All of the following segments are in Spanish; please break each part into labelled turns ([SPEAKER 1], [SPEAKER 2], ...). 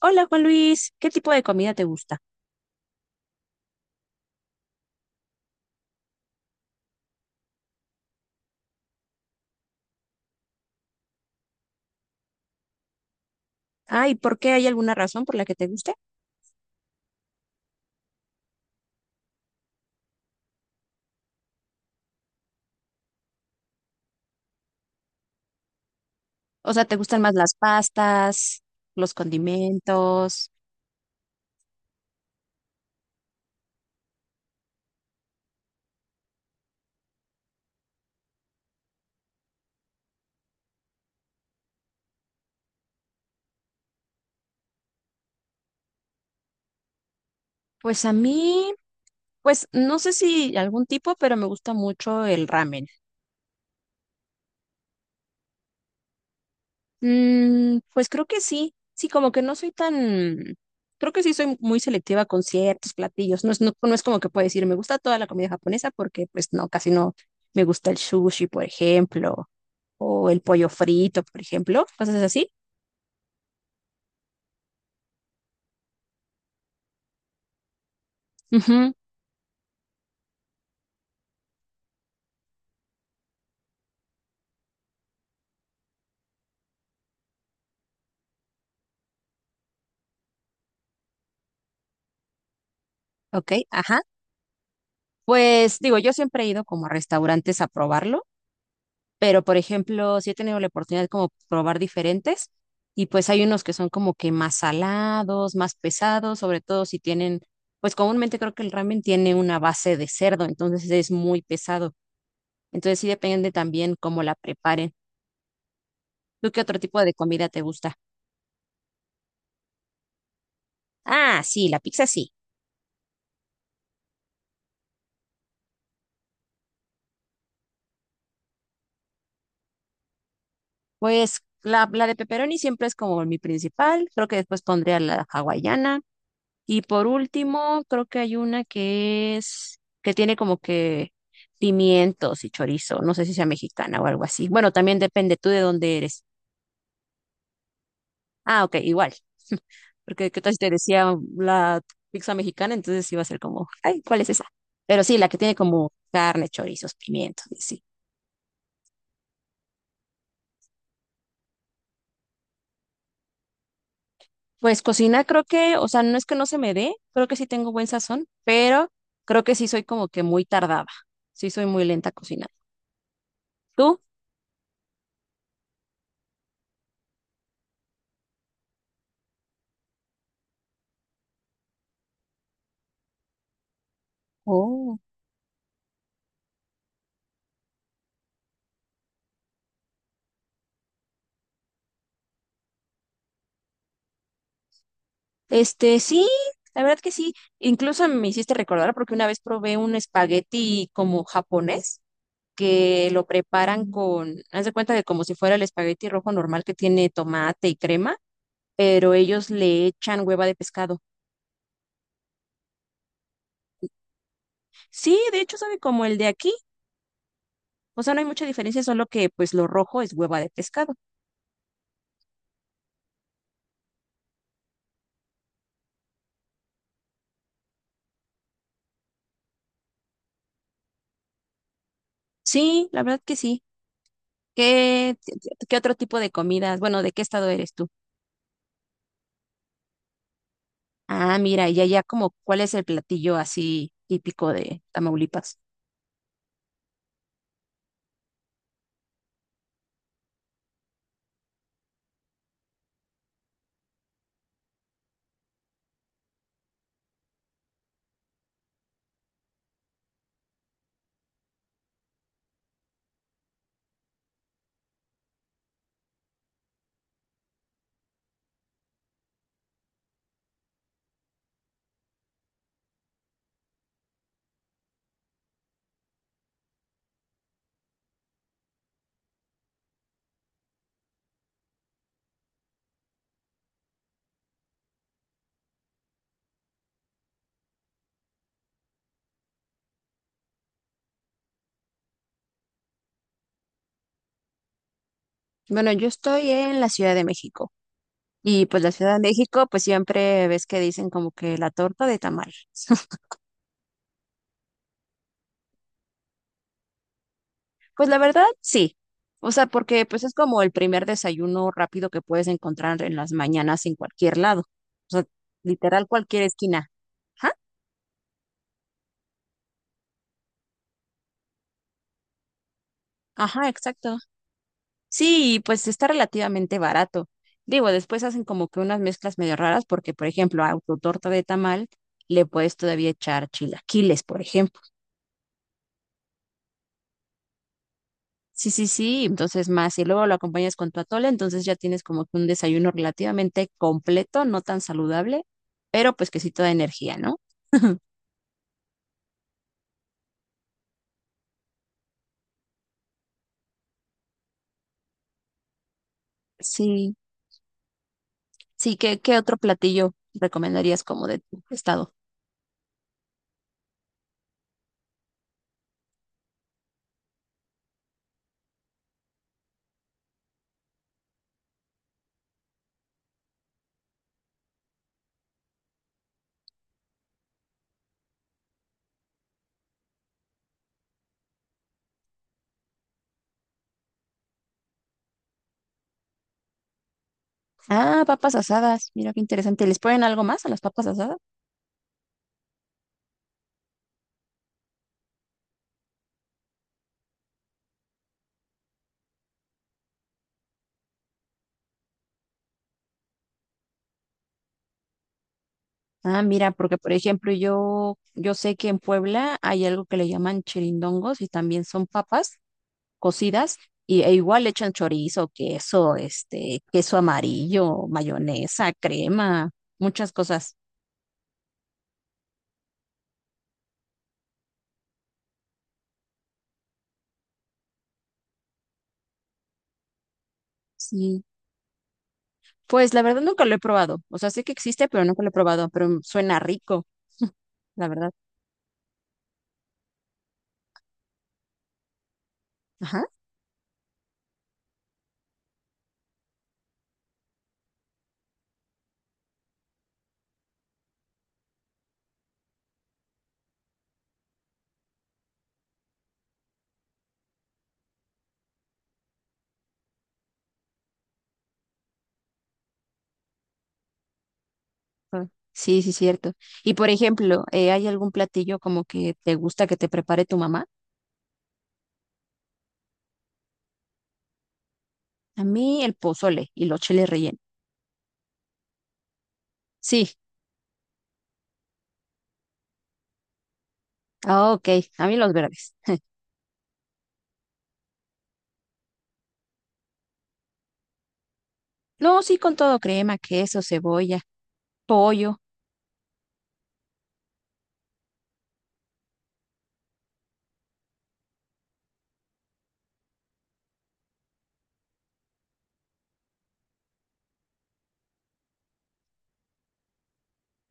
[SPEAKER 1] Hola Juan Luis, ¿qué tipo de comida te gusta? Ah, ¿y por qué hay alguna razón por la que te guste? O sea, ¿te gustan más las pastas, los condimentos? Pues a mí, pues no sé si algún tipo, pero me gusta mucho el ramen. Mm, pues creo que sí, sí, como que no soy tan, creo que sí soy muy selectiva con ciertos platillos. No es como que puedo decir, me gusta toda la comida japonesa porque pues no, casi no me gusta el sushi, por ejemplo, o el pollo frito, por ejemplo, cosas así. Ujú. Ok, ajá. Pues digo, yo siempre he ido como a restaurantes a probarlo, pero por ejemplo, sí he tenido la oportunidad de como probar diferentes y pues hay unos que son como que más salados, más pesados, sobre todo si tienen, pues comúnmente creo que el ramen tiene una base de cerdo, entonces es muy pesado. Entonces sí depende también cómo la preparen. ¿Tú qué otro tipo de comida te gusta? Ah, sí, la pizza sí. Pues la de pepperoni siempre es como mi principal, creo que después pondría la hawaiana. Y por último, creo que hay una que es, que tiene como que pimientos y chorizo. No sé si sea mexicana o algo así. Bueno, también depende tú de dónde eres. Ah, ok, igual. Porque qué tal si te decía la pizza mexicana, entonces iba a ser como, ay, ¿cuál es esa? Pero sí, la que tiene como carne, chorizos, pimientos, y sí. Pues cocina creo que, o sea, no es que no se me dé, creo que sí tengo buen sazón, pero creo que sí soy como que muy tardada. Sí soy muy lenta cocinando. ¿Tú? Oh. Este, sí, la verdad que sí. Incluso me hiciste recordar porque una vez probé un espagueti como japonés que lo preparan con, haz de cuenta de como si fuera el espagueti rojo normal que tiene tomate y crema, pero ellos le echan hueva de pescado. Sí, de hecho sabe como el de aquí. O sea, no hay mucha diferencia, solo que pues lo rojo es hueva de pescado. Sí, la verdad que sí. ¿Qué, qué otro tipo de comidas? Bueno, ¿de qué estado eres tú? Ah, mira, y allá como, ¿cuál es el platillo así típico de Tamaulipas? Bueno, yo estoy en la Ciudad de México y pues la Ciudad de México pues siempre ves que dicen como que la torta de tamal. Pues la verdad, sí. O sea, porque pues es como el primer desayuno rápido que puedes encontrar en las mañanas en cualquier lado. O sea, literal cualquier esquina. Ajá, ajá, exacto. Sí, y pues está relativamente barato. Digo, después hacen como que unas mezclas medio raras porque, por ejemplo, a tu torta de tamal le puedes todavía echar chilaquiles, por ejemplo. Sí, sí, sí, entonces más, y luego lo acompañas con tu atole, entonces ya tienes como que un desayuno relativamente completo, no tan saludable, pero pues que sí te da energía, ¿no? Sí, sí, ¿qué, qué otro platillo recomendarías como de tu estado? Ah, papas asadas, mira qué interesante. ¿Les ponen algo más a las papas asadas? Ah, mira, porque por ejemplo yo sé que en Puebla hay algo que le llaman chirindongos y también son papas, cocidas y, e igual le echan chorizo, queso, este, queso amarillo, mayonesa, crema, muchas cosas. Sí, pues la verdad nunca lo he probado. O sea, sé que existe, pero nunca lo he probado, pero suena rico, la verdad. Ajá. Ah, sí, sí, cierto. Y por ejemplo, ¿hay algún platillo como que te gusta que te prepare tu mamá? A mí el pozole y los chiles rellenos. Sí, ah, ok, a mí los verdes. No, sí, con todo, crema, queso, cebolla, pollo.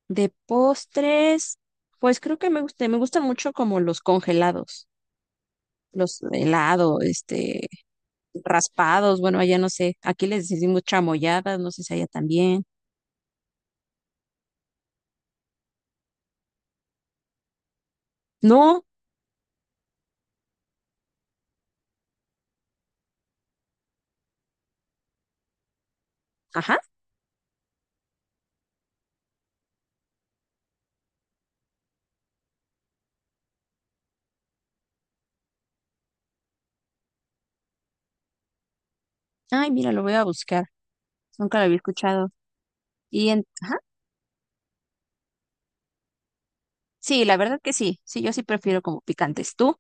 [SPEAKER 1] De postres, pues creo que me gusta, me gustan mucho como los congelados, los helado, este, raspados, bueno, allá no sé, aquí les decimos chamoyadas, no sé si allá también. No, ajá, ay, mira, lo voy a buscar, nunca lo había escuchado. Y en, ajá, sí, la verdad que sí, sí, yo sí prefiero como picantes. ¿Tú?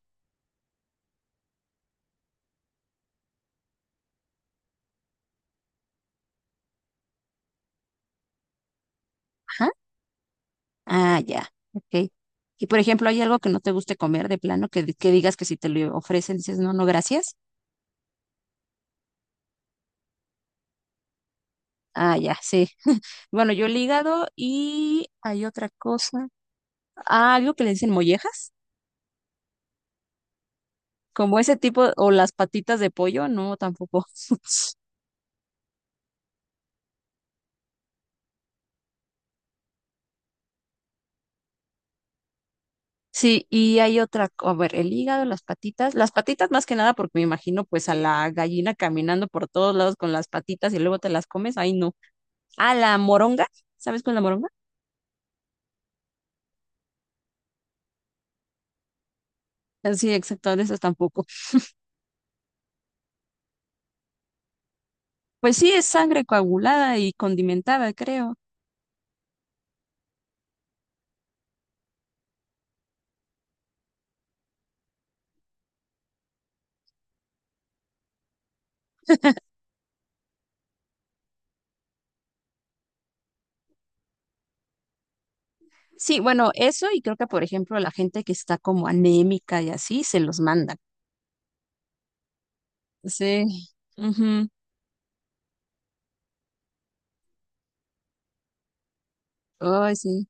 [SPEAKER 1] Ajá, ah, ya, ok. Y por ejemplo, ¿hay algo que no te guste comer de plano, que digas que si te lo ofrecen dices, no, no, gracias? Ah, ya, sí. Bueno, yo el hígado y hay otra cosa. Ah, algo que le dicen mollejas, como ese tipo, o las patitas de pollo, no, tampoco. Sí, y hay otra, a ver, el hígado, las patitas más que nada porque me imagino pues a la gallina caminando por todos lados con las patitas y luego te las comes, ahí no. Ah, la moronga, ¿sabes cuál es la moronga? Ah, sí, exacto, de esas tampoco. Pues sí, es sangre coagulada y condimentada, creo. Sí, bueno, eso y creo que por ejemplo la gente que está como anémica y así se los manda. Sí. Ujú. Ay, sí.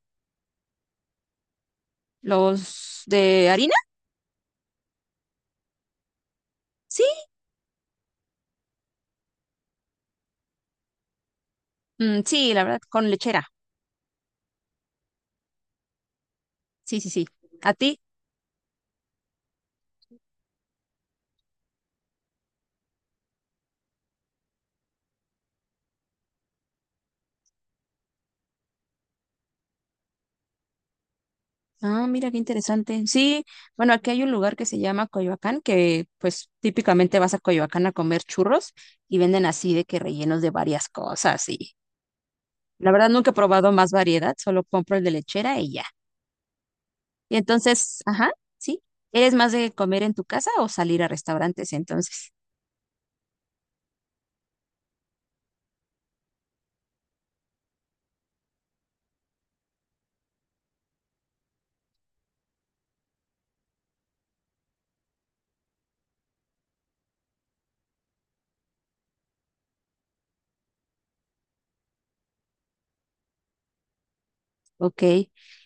[SPEAKER 1] ¿Los de harina? Sí. Mm, sí, la verdad, con lechera. Sí, sí, sí. ¿A ti? Ah, mira qué interesante. Sí, bueno, aquí hay un lugar que se llama Coyoacán, que pues típicamente vas a Coyoacán a comer churros y venden así de que rellenos de varias cosas y la verdad nunca he probado más variedad, solo compro el de lechera y ya. Y entonces, ajá, sí. ¿Eres más de comer en tu casa o salir a restaurantes entonces? Ok.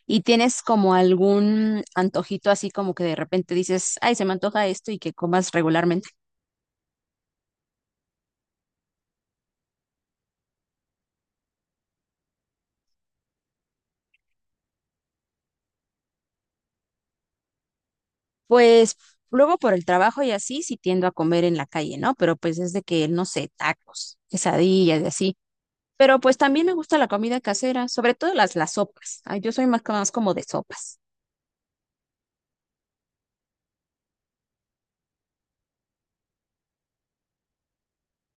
[SPEAKER 1] ¿Y tienes como algún antojito así como que de repente dices, ay, se me antoja esto y que comas regularmente? Pues luego por el trabajo y así sí tiendo a comer en la calle, ¿no? Pero pues es de que, no sé, tacos, quesadillas y así. Pero pues también me gusta la comida casera, sobre todo las sopas. Ay, yo soy más, más como de sopas.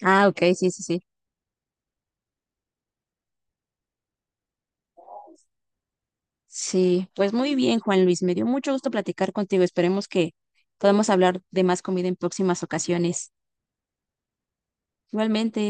[SPEAKER 1] Ah, ok, sí, sí, sí. Sí, pues muy bien, Juan Luis. Me dio mucho gusto platicar contigo. Esperemos que podamos hablar de más comida en próximas ocasiones. Igualmente.